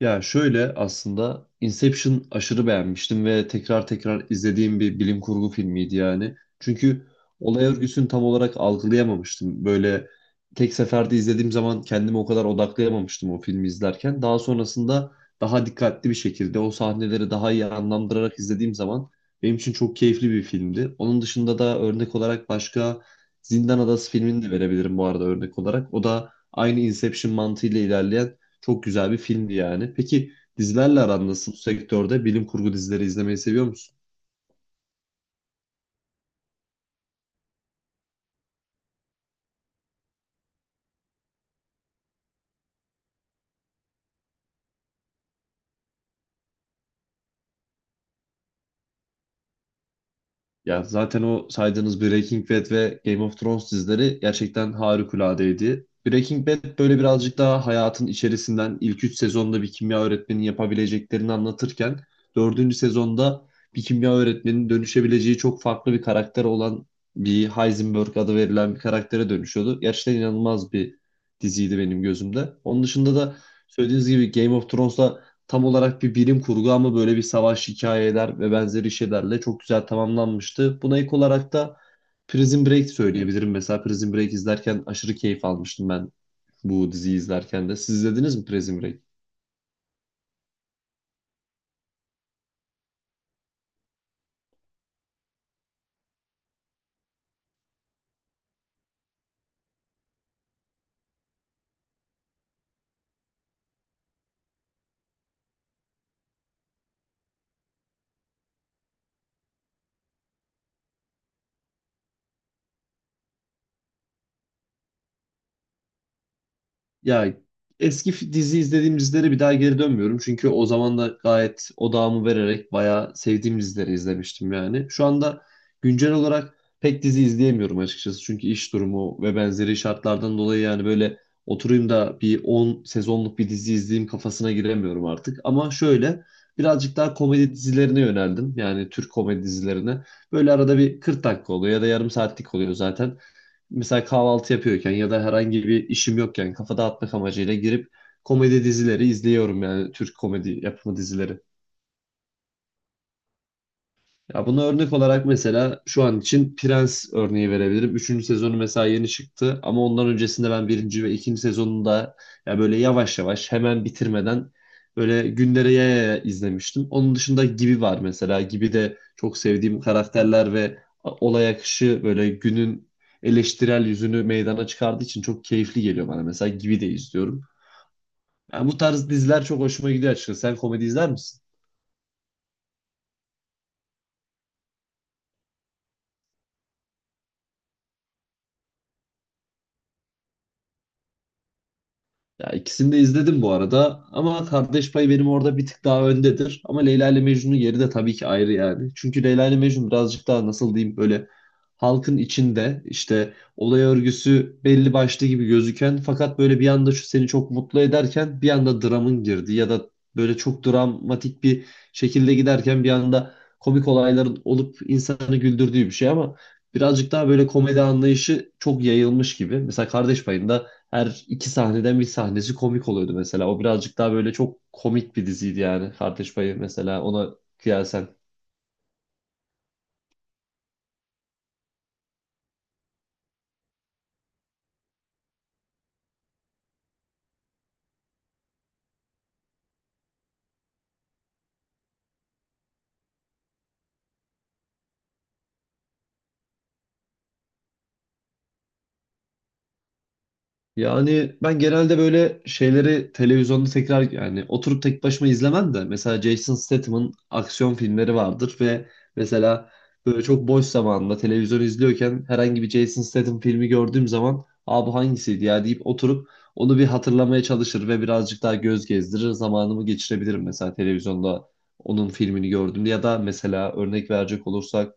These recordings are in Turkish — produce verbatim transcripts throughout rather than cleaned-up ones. Ya şöyle aslında Inception aşırı beğenmiştim ve tekrar tekrar izlediğim bir bilim kurgu filmiydi yani. Çünkü olay örgüsünü tam olarak algılayamamıştım. Böyle tek seferde izlediğim zaman kendimi o kadar odaklayamamıştım o filmi izlerken. Daha sonrasında daha dikkatli bir şekilde o sahneleri daha iyi anlamlandırarak izlediğim zaman benim için çok keyifli bir filmdi. Onun dışında da örnek olarak başka Zindan Adası filmini de verebilirim bu arada örnek olarak. O da aynı Inception mantığıyla ilerleyen çok güzel bir filmdi yani. Peki dizilerle aran nasıl bu sektörde? Bilim kurgu dizileri izlemeyi seviyor musun? Ya zaten o saydığınız Breaking Bad ve Game of Thrones dizileri gerçekten harikuladeydi. Breaking Bad böyle birazcık daha hayatın içerisinden ilk üç sezonda bir kimya öğretmeninin yapabileceklerini anlatırken dördüncü sezonda bir kimya öğretmeninin dönüşebileceği çok farklı bir karakter olan bir Heisenberg adı verilen bir karaktere dönüşüyordu. Gerçekten inanılmaz bir diziydi benim gözümde. Onun dışında da söylediğiniz gibi Game of Thrones'la tam olarak bir bilim kurgu ama böyle bir savaş hikayeler ve benzeri şeylerle çok güzel tamamlanmıştı. Buna ilk olarak da Prison Break söyleyebilirim. Mesela Prison Break izlerken aşırı keyif almıştım ben bu diziyi izlerken de. Siz izlediniz mi Prison Break? Ya eski fi- dizi izlediğim dizilere bir daha geri dönmüyorum. Çünkü o zaman da gayet odağımı vererek bayağı sevdiğim dizileri izlemiştim yani. Şu anda güncel olarak pek dizi izleyemiyorum açıkçası. Çünkü iş durumu ve benzeri şartlardan dolayı yani böyle oturayım da bir on sezonluk bir dizi izleyeyim kafasına giremiyorum artık. Ama şöyle birazcık daha komedi dizilerine yöneldim. Yani Türk komedi dizilerine. Böyle arada bir 40 dakika oluyor ya da yarım saatlik oluyor zaten mesela kahvaltı yapıyorken ya da herhangi bir işim yokken kafa dağıtmak amacıyla girip komedi dizileri izliyorum yani Türk komedi yapımı dizileri. Ya buna örnek olarak mesela şu an için Prens örneği verebilirim. Üçüncü sezonu mesela yeni çıktı ama ondan öncesinde ben birinci ve ikinci sezonunda ya böyle yavaş yavaş hemen bitirmeden böyle günlere yaya yaya izlemiştim. Onun dışında Gibi var mesela. Gibi de çok sevdiğim karakterler ve a- olay akışı böyle günün eleştirel yüzünü meydana çıkardığı için çok keyifli geliyor bana. Mesela Gibi de izliyorum. Yani bu tarz diziler çok hoşuma gidiyor açıkçası. Sen komedi izler misin? Ya ikisini de izledim bu arada ama Kardeş Payı benim orada bir tık daha öndedir. Ama Leyla ile Mecnun'un yeri de tabii ki ayrı yani. Çünkü Leyla ile Mecnun birazcık daha nasıl diyeyim böyle halkın içinde işte olay örgüsü belli başlı gibi gözüken fakat böyle bir anda şu seni çok mutlu ederken bir anda dramın girdi ya da böyle çok dramatik bir şekilde giderken bir anda komik olayların olup insanı güldürdüğü bir şey ama birazcık daha böyle komedi anlayışı çok yayılmış gibi. Mesela Kardeş Payı'nda her iki sahneden bir sahnesi komik oluyordu mesela. O birazcık daha böyle çok komik bir diziydi yani. Kardeş Payı mesela ona kıyasen. Yani ben genelde böyle şeyleri televizyonda tekrar yani oturup tek başıma izlemem de mesela Jason Statham'ın aksiyon filmleri vardır ve mesela böyle çok boş zamanında televizyon izliyorken herhangi bir Jason Statham filmi gördüğüm zaman Aa bu hangisiydi ya deyip oturup onu bir hatırlamaya çalışır ve birazcık daha göz gezdirir zamanımı geçirebilirim mesela televizyonda onun filmini gördüğümde ya da mesela örnek verecek olursak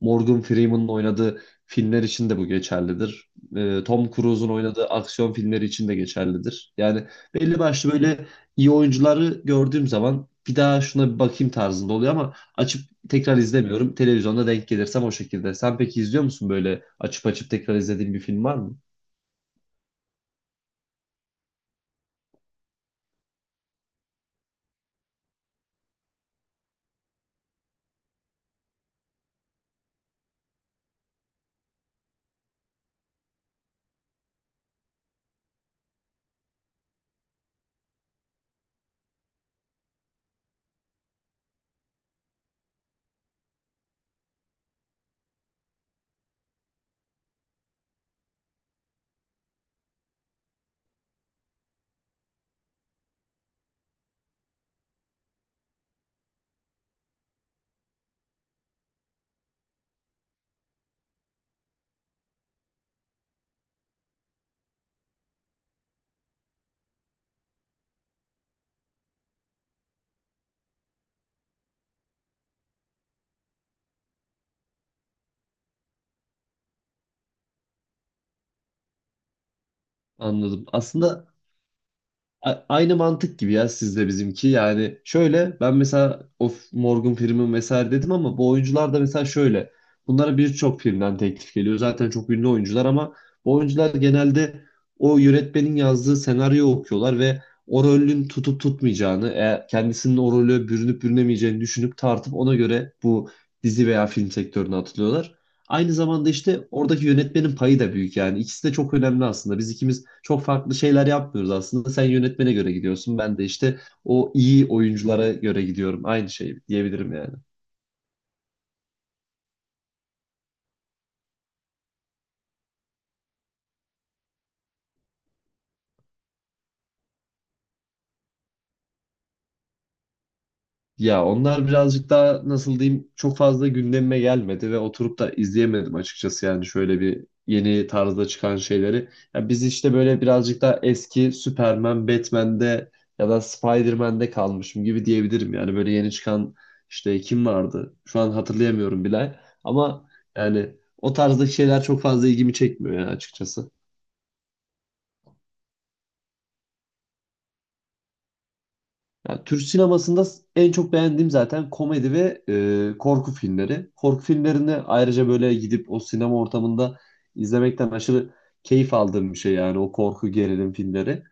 Morgan Freeman'ın oynadığı filmler için de bu geçerlidir, e, Tom Cruise'un oynadığı aksiyon filmleri için de geçerlidir. Yani belli başlı böyle iyi oyuncuları gördüğüm zaman bir daha şuna bir bakayım tarzında oluyor ama açıp tekrar izlemiyorum. Televizyonda denk gelirsem o şekilde. Sen peki izliyor musun böyle açıp açıp tekrar izlediğin bir film var mı? Anladım. Aslında A- aynı mantık gibi ya sizde bizimki. Yani şöyle ben mesela of Morgan Freeman vesaire dedim ama bu oyuncular da mesela şöyle. Bunlara birçok filmden teklif geliyor. Zaten çok ünlü oyuncular ama bu oyuncular genelde o yönetmenin yazdığı senaryo okuyorlar ve o rolün tutup tutmayacağını, e, kendisinin o rolü bürünüp bürünemeyeceğini düşünüp tartıp ona göre bu dizi veya film sektörüne atılıyorlar. Aynı zamanda işte oradaki yönetmenin payı da büyük yani. İkisi de çok önemli aslında. Biz ikimiz çok farklı şeyler yapmıyoruz aslında. Sen yönetmene göre gidiyorsun. Ben de işte o iyi oyunculara göre gidiyorum. Aynı şey diyebilirim yani. Ya onlar birazcık daha nasıl diyeyim çok fazla gündemime gelmedi ve oturup da izleyemedim açıkçası yani şöyle bir yeni tarzda çıkan şeyleri. Ya biz işte böyle birazcık daha eski Superman, Batman'de ya da Spider-Man'de kalmışım gibi diyebilirim. Yani böyle yeni çıkan işte kim vardı? Şu an hatırlayamıyorum bile. Ama yani o tarzdaki şeyler çok fazla ilgimi çekmiyor yani açıkçası. Yani Türk sinemasında en çok beğendiğim zaten komedi ve e, korku filmleri. Korku filmlerini ayrıca böyle gidip o sinema ortamında izlemekten aşırı keyif aldığım bir şey yani o korku gerilim filmleri.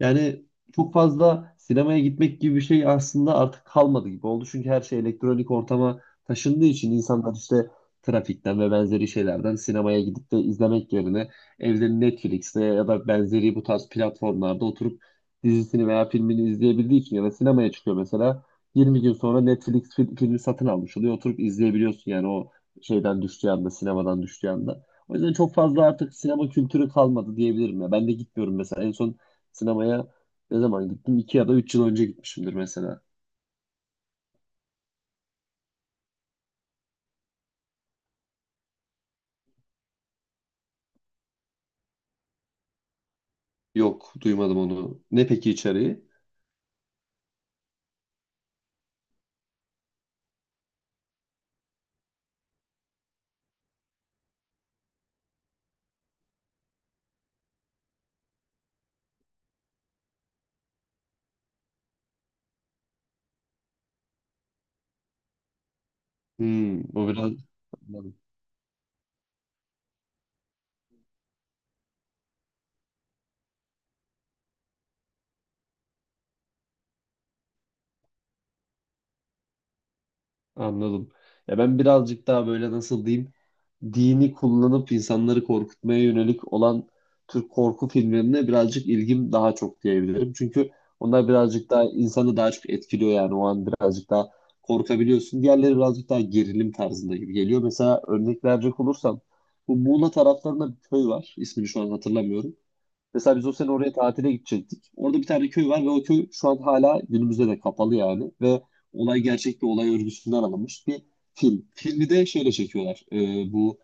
Yani çok fazla sinemaya gitmek gibi bir şey aslında artık kalmadı gibi oldu. Çünkü her şey elektronik ortama taşındığı için insanlar işte trafikten ve benzeri şeylerden sinemaya gidip de izlemek yerine evde Netflix'te ya da benzeri bu tarz platformlarda oturup dizisini veya filmini izleyebildiği için ya da sinemaya çıkıyor mesela 20 gün sonra Netflix fil- filmi satın almış oluyor. Oturup izleyebiliyorsun yani o şeyden düştüğü anda, sinemadan düştüğü anda. O yüzden çok fazla artık sinema kültürü kalmadı diyebilirim ya. Ben de gitmiyorum mesela. En son sinemaya ne zaman gittim? iki ya da üç yıl önce gitmişimdir mesela. Yok, duymadım onu. Ne peki içeriği? Hmm, o biraz... Anladım. Ya ben birazcık daha böyle nasıl diyeyim dini kullanıp insanları korkutmaya yönelik olan Türk korku filmlerine birazcık ilgim daha çok diyebilirim. Çünkü onlar birazcık daha insanı daha çok etkiliyor yani o an birazcık daha korkabiliyorsun. Diğerleri birazcık daha gerilim tarzında gibi geliyor. Mesela örnek verecek olursam bu Muğla taraflarında bir köy var. İsmini şu an hatırlamıyorum. Mesela biz o sene oraya tatile gidecektik. Orada bir tane köy var ve o köy şu an hala günümüzde de kapalı yani. Ve olay gerçek bir olay örgüsünden alınmış bir film. Filmi de şeyle çekiyorlar. Ee, bu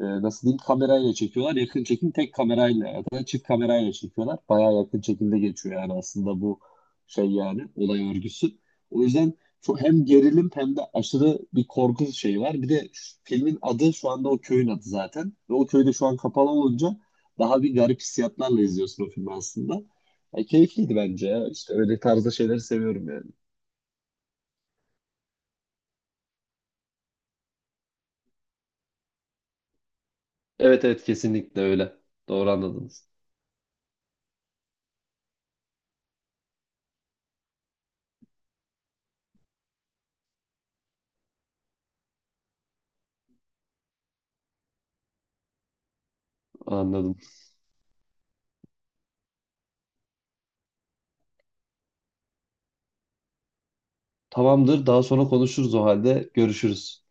e, nasıl diyeyim kamerayla çekiyorlar. Yakın çekim tek kamerayla ya da çift kamerayla çekiyorlar. Bayağı yakın çekimde geçiyor yani aslında bu şey yani olay örgüsü. O yüzden çok hem gerilim hem de aşırı bir korku şeyi var. Bir de şu- filmin adı şu anda o köyün adı zaten. Ve o köyde şu an kapalı olunca daha bir garip hissiyatlarla izliyorsun o filmi aslında. Ya keyifliydi bence ya. İşte öyle tarzda şeyleri seviyorum yani. Evet, evet, kesinlikle öyle. Doğru anladınız. Anladım. Tamamdır. Daha sonra konuşuruz o halde. Görüşürüz.